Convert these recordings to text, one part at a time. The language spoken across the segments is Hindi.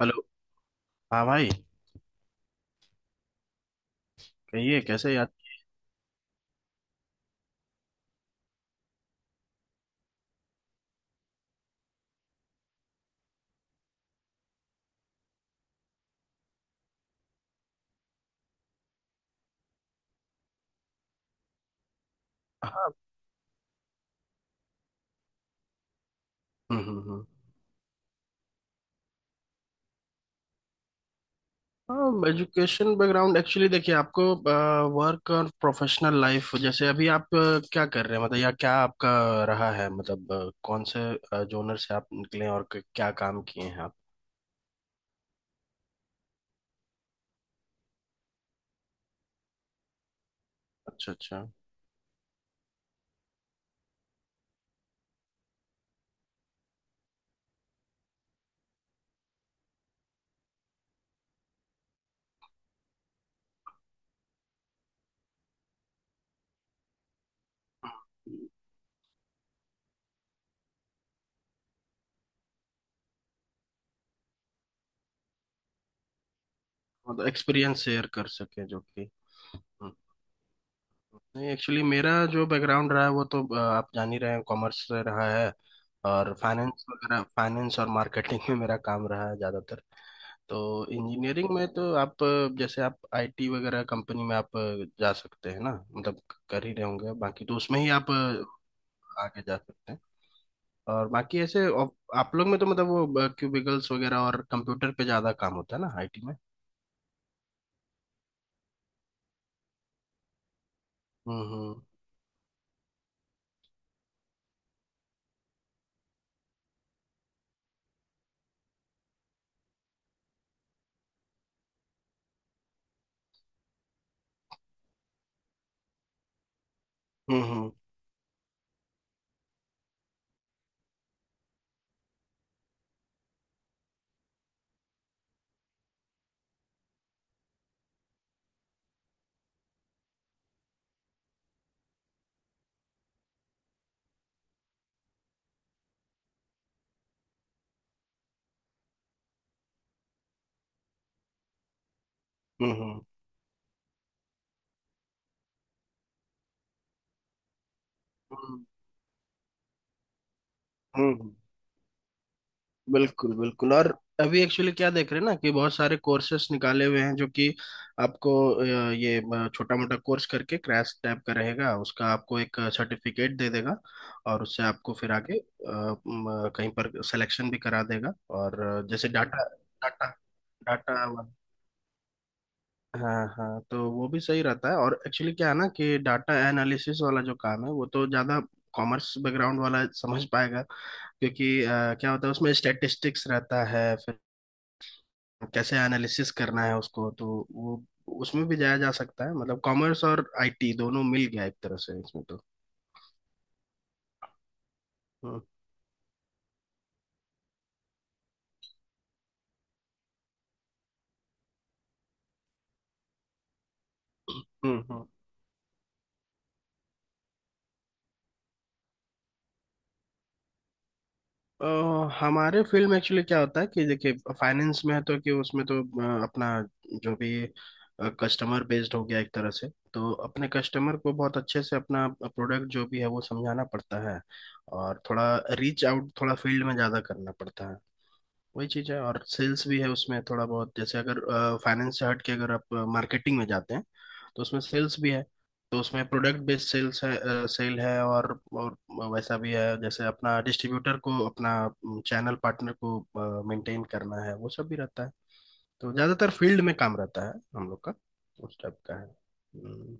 हेलो। हाँ भाई। कहिए, कैसे याद? हाँ। हम्म हम्म हम्म। हाँ, एजुकेशन बैकग्राउंड एक्चुअली देखिए, आपको वर्क और प्रोफेशनल लाइफ जैसे अभी आप क्या कर रहे हैं, मतलब, या क्या आपका रहा है, मतलब कौन से जोनर से आप निकले हैं और क्या काम किए हैं आप। अच्छा अच्छा। मतलब एक्सपीरियंस शेयर कर सके जो कि। हम्म। नहीं, एक्चुअली मेरा जो बैकग्राउंड रहा है वो तो आप जान ही रहे हैं, कॉमर्स से रहा है। और फाइनेंस वगैरह, फाइनेंस और मार्केटिंग में मेरा काम रहा है ज़्यादातर। तो इंजीनियरिंग में तो आप जैसे आप आईटी वगैरह कंपनी में आप जा सकते हैं ना, मतलब कर ही रहे होंगे। बाकी तो उसमें ही आप आगे जा सकते हैं। और बाकी ऐसे आप लोग में तो मतलब वो क्यूबिकल्स वगैरह और कंप्यूटर पे ज़्यादा काम होता है ना, आईटी में। हम्म हम्म हम्म हम्म हम्म हम्म हम्म, हम्म। बिल्कुल बिल्कुल। और अभी एक्चुअली क्या देख रहे हैं ना कि बहुत सारे कोर्सेस निकाले हुए हैं जो कि आपको ये छोटा मोटा कोर्स करके क्रैश टाइप का रहेगा उसका, आपको एक सर्टिफिकेट दे देगा और उससे आपको फिर आगे कहीं पर सिलेक्शन भी करा देगा। और जैसे डाटा, डाटा, डाटा। हाँ हाँ, तो वो भी सही रहता है। और एक्चुअली क्या है ना कि डाटा एनालिसिस वाला जो काम है वो तो ज़्यादा कॉमर्स बैकग्राउंड वाला समझ पाएगा, क्योंकि क्या होता है उसमें स्टैटिस्टिक्स रहता है, फिर कैसे एनालिसिस करना है उसको, तो वो उसमें भी जाया जा सकता है। मतलब कॉमर्स और आईटी दोनों मिल गया एक तरह से इसमें तो। हम्म हम्म हम्म। अ, हमारे फील्ड में एक्चुअली क्या होता है कि देखिए, फाइनेंस में है तो कि उसमें तो अपना जो भी कस्टमर बेस्ड हो गया एक तरह से, तो अपने कस्टमर को बहुत अच्छे से अपना प्रोडक्ट जो भी है वो समझाना पड़ता है, और थोड़ा रीच आउट, थोड़ा फील्ड में ज़्यादा करना पड़ता है। वही चीज़ है। और सेल्स भी है उसमें थोड़ा बहुत, जैसे अगर फाइनेंस से हट के अगर आप मार्केटिंग में जाते हैं, तो उसमें सेल्स भी है। तो उसमें प्रोडक्ट बेस्ड सेल्स है, सेल है, और वैसा भी है जैसे अपना डिस्ट्रीब्यूटर को, अपना चैनल पार्टनर को मेंटेन करना है, वो सब भी रहता है। तो ज़्यादातर फील्ड में काम रहता है हम लोग का, उस टाइप का है। हम्म।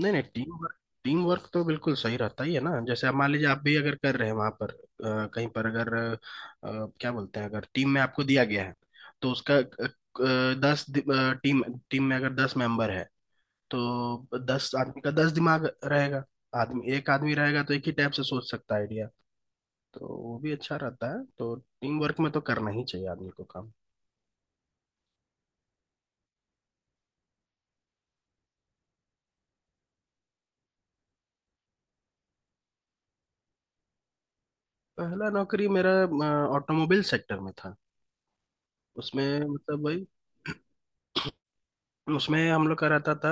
नहीं नहीं, टीम वर्क। टीम वर्क तो बिल्कुल सही रहता ही है ना। जैसे अब मान लीजिए आप भी अगर कर रहे हैं वहां पर कहीं पर अगर क्या बोलते हैं, अगर टीम में आपको दिया गया है तो उसका टीम टीम में अगर 10 मेंबर है, तो 10 आदमी का 10 दिमाग रहेगा। आदमी एक आदमी रहेगा तो एक ही टाइप से सोच सकता है आइडिया, तो वो भी अच्छा रहता है। तो टीम वर्क में तो करना ही चाहिए आदमी को काम। पहला नौकरी मेरा ऑटोमोबाइल सेक्टर में था। उसमें मतलब वही, उसमें हम लोग कराता था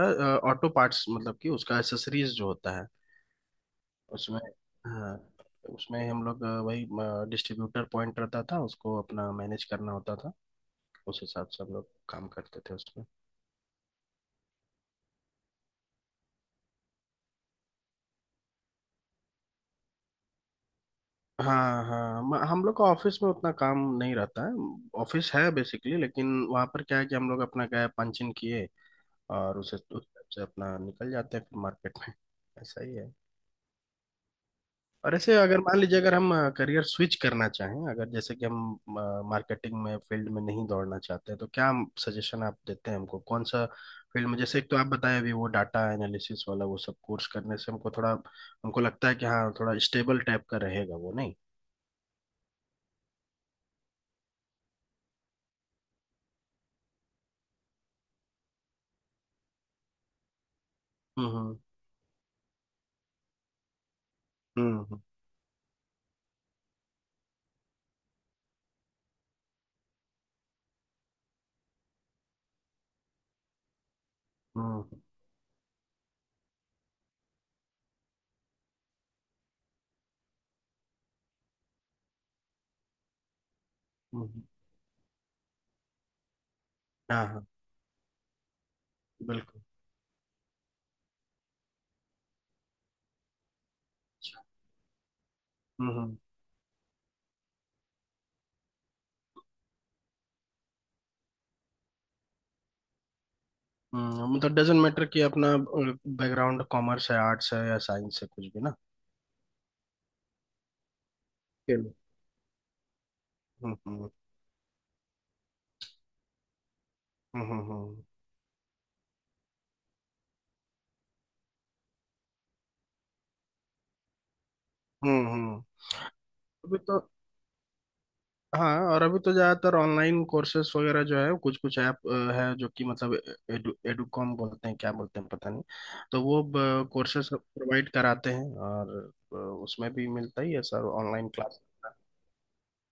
ऑटो पार्ट्स, मतलब कि उसका एसेसरीज जो होता है उसमें। हाँ, उसमें हम लोग वही डिस्ट्रीब्यूटर पॉइंट रहता था, उसको अपना मैनेज करना होता था। उस हिसाब से हम लोग काम करते थे उसमें। हाँ हाँ, हम लोग का ऑफिस में उतना काम नहीं रहता है। ऑफिस है बेसिकली, लेकिन वहाँ पर क्या है कि हम लोग अपना गए, पंच इन किए, और उसे उस हिसाब से अपना निकल जाते हैं फिर मार्केट में। ऐसा ही है। और ऐसे अगर मान लीजिए, अगर हम करियर स्विच करना चाहें, अगर जैसे कि हम मार्केटिंग में फील्ड में नहीं दौड़ना चाहते, तो क्या सजेशन आप देते हैं हमको, कौन सा फील्ड में? जैसे एक तो आप बताएं, अभी वो डाटा एनालिसिस वाला वो सब कोर्स करने से हमको लगता है कि हाँ थोड़ा स्टेबल टाइप का रहेगा वो, नहीं? हम्म हम्म हम्म हम्म हम्म। हाँ हाँ, बिल्कुल। हम्म हम्म हम्म। मतलब डजेंट मैटर कि अपना बैकग्राउंड कॉमर्स है, आर्ट्स है या साइंस है, कुछ भी ना। चलो। हम्म हम्म हम्म हम्म हम्म हम्म। अभी तो, हाँ, और अभी तो ज़्यादातर ऑनलाइन कोर्सेस वगैरह जो है, कुछ कुछ ऐप है जो कि मतलब एडुकॉम बोलते हैं, क्या बोलते हैं पता नहीं। तो वो कोर्सेस प्रोवाइड कराते हैं, और उसमें भी मिलता ही है सर, ऑनलाइन क्लास।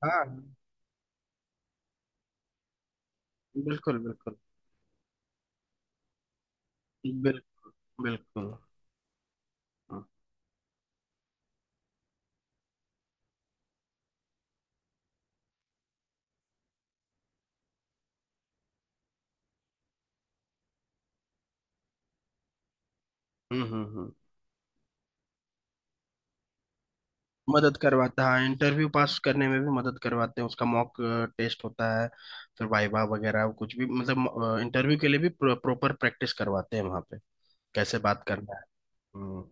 हाँ, बिल्कुल बिल्कुल। बिल, बिल्कुल। हम्म हम्म। मदद करवाता है, हाँ, इंटरव्यू पास करने में भी मदद करवाते हैं, उसका मॉक टेस्ट होता है, फिर वाइवा वगैरह कुछ भी, मतलब इंटरव्यू के लिए भी प्रॉपर प्रैक्टिस करवाते हैं वहाँ पे कैसे बात करना है। हम्म।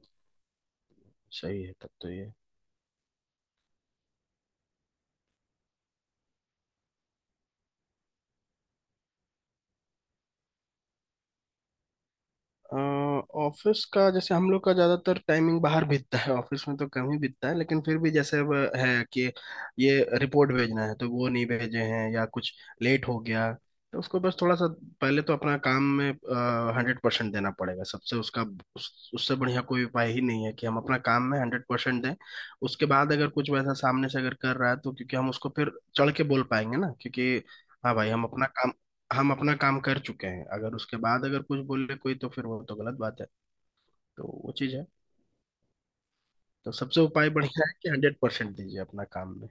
सही है तब तो ये। अ, ऑफिस का जैसे हम लोग का ज्यादातर टाइमिंग बाहर बीतता है, ऑफिस में तो कम ही बीतता है, लेकिन फिर भी जैसे अब है कि ये रिपोर्ट भेजना है तो वो नहीं भेजे हैं या कुछ लेट हो गया, तो उसको बस थोड़ा सा पहले तो अपना काम में 100% देना पड़ेगा सबसे। उसका उससे बढ़िया कोई उपाय ही नहीं है कि हम अपना काम में हंड्रेड परसेंट दें। उसके बाद अगर कुछ वैसा सामने से अगर कर रहा है तो, क्योंकि हम उसको फिर चढ़ के बोल पाएंगे ना, क्योंकि हाँ भाई, हम अपना काम कर चुके हैं। अगर उसके बाद अगर कुछ बोले कोई तो फिर वो तो गलत बात है। तो वो चीज़ है। तो सबसे उपाय बढ़िया है कि 100% दीजिए अपना काम में।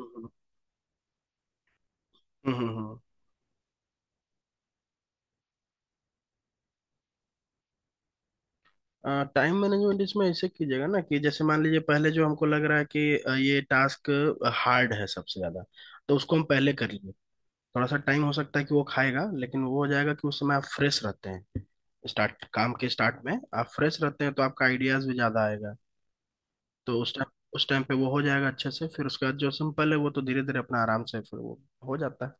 हम्म हम्म हम्म। टाइम मैनेजमेंट इसमें ऐसे कीजिएगा ना कि जैसे मान लीजिए पहले जो हमको लग रहा है कि ये टास्क हार्ड है सबसे ज्यादा, तो उसको हम पहले कर लेंगे। थोड़ा सा टाइम हो सकता है कि वो खाएगा, लेकिन वो हो जाएगा, कि उस समय आप फ्रेश रहते हैं, स्टार्ट काम के स्टार्ट में आप फ्रेश रहते हैं, तो आपका आइडियाज भी ज्यादा आएगा। तो उस टाइम पे वो हो जाएगा अच्छे से, फिर उसके बाद जो सिंपल है वो तो धीरे धीरे अपना आराम से फिर वो हो जाता है।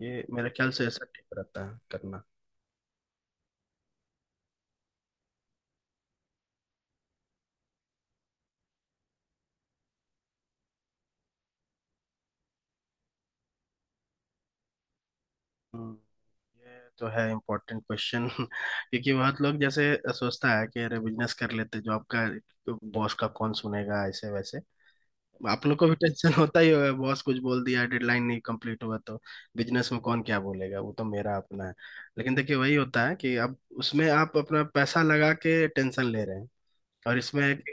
ये मेरे ख्याल से ऐसा ठीक रहता है करना। हम्म। ये तो है इम्पोर्टेंट क्वेश्चन। क्योंकि बहुत लोग जैसे सोचता है कि अरे बिजनेस कर लेते, जॉब का बॉस का कौन सुनेगा, ऐसे वैसे। आप लोग को भी टेंशन होता ही होगा, बॉस कुछ बोल दिया, डेडलाइन नहीं कंप्लीट हुआ तो। बिजनेस में कौन क्या बोलेगा, वो तो मेरा अपना है। लेकिन देखिए वही होता है कि अब उसमें आप अपना पैसा लगा के टेंशन ले रहे हैं, और इसमें एक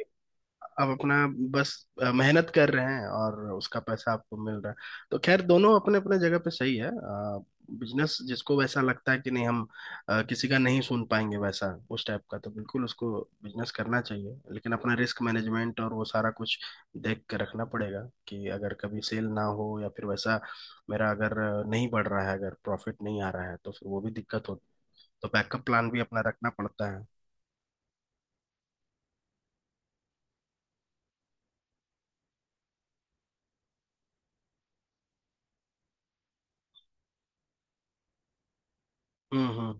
आप अपना बस मेहनत कर रहे हैं और उसका पैसा आपको मिल रहा है। तो खैर, दोनों अपने अपने जगह पे सही है। बिजनेस जिसको वैसा लगता है कि नहीं हम किसी का नहीं सुन पाएंगे, वैसा उस टाइप का तो बिल्कुल उसको बिजनेस करना चाहिए, लेकिन अपना रिस्क मैनेजमेंट और वो सारा कुछ देख के रखना पड़ेगा कि अगर कभी सेल ना हो या फिर वैसा मेरा अगर नहीं बढ़ रहा है, अगर प्रॉफिट नहीं आ रहा है, तो फिर वो भी दिक्कत होती है। तो बैकअप प्लान भी अपना रखना पड़ता है। हम्म।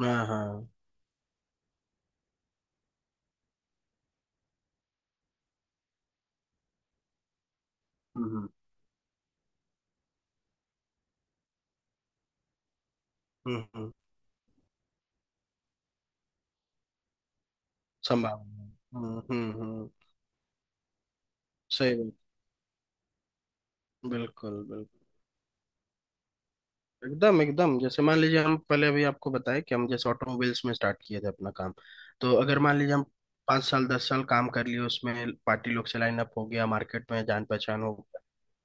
हाँ हाँ। हम्म हम्म हम्म, हम्म। संभावना है। हम्म। सही बात। बिल्कुल बिल्कुल। एकदम एकदम, जैसे मान लीजिए हम पहले अभी आपको बताए कि हम जैसे ऑटोमोबाइल्स में स्टार्ट किए थे अपना काम, तो अगर मान लीजिए हम 5 साल 10 साल काम कर लिए, उसमें पार्टी लोग से लाइन अप हो गया, मार्केट में जान पहचान हो,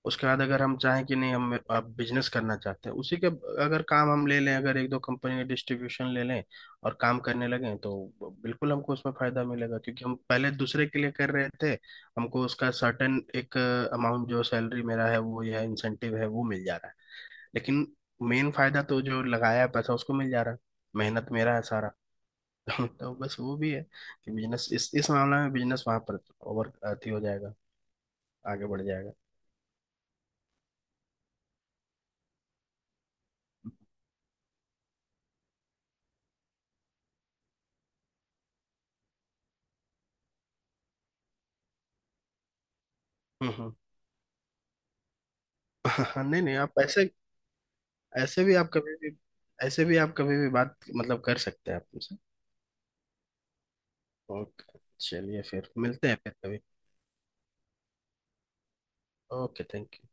उसके बाद अगर हम चाहें कि नहीं हम बिजनेस करना चाहते हैं उसी के, अगर काम हम ले लें, अगर एक दो कंपनी का डिस्ट्रीब्यूशन ले लें और काम करने लगें, तो बिल्कुल हमको उसमें फायदा मिलेगा, क्योंकि हम पहले दूसरे के लिए कर रहे थे। हमको उसका सर्टेन एक अमाउंट जो सैलरी मेरा है वो, यह इंसेंटिव है वो मिल जा रहा है, लेकिन मेन फायदा तो जो लगाया है पैसा उसको मिल जा रहा है, मेहनत मेरा है सारा। तो बस वो भी है कि बिजनेस इस मामले में, बिजनेस वहां पर ओवर अथी हो जाएगा, आगे बढ़ जाएगा। हम्म नहीं नहीं, आप ऐसे ऐसे भी आप कभी भी ऐसे भी आप कभी भी बात मतलब कर सकते हैं आप मुझसे। ओके। चलिए फिर मिलते हैं फिर कभी। Okay, thank you.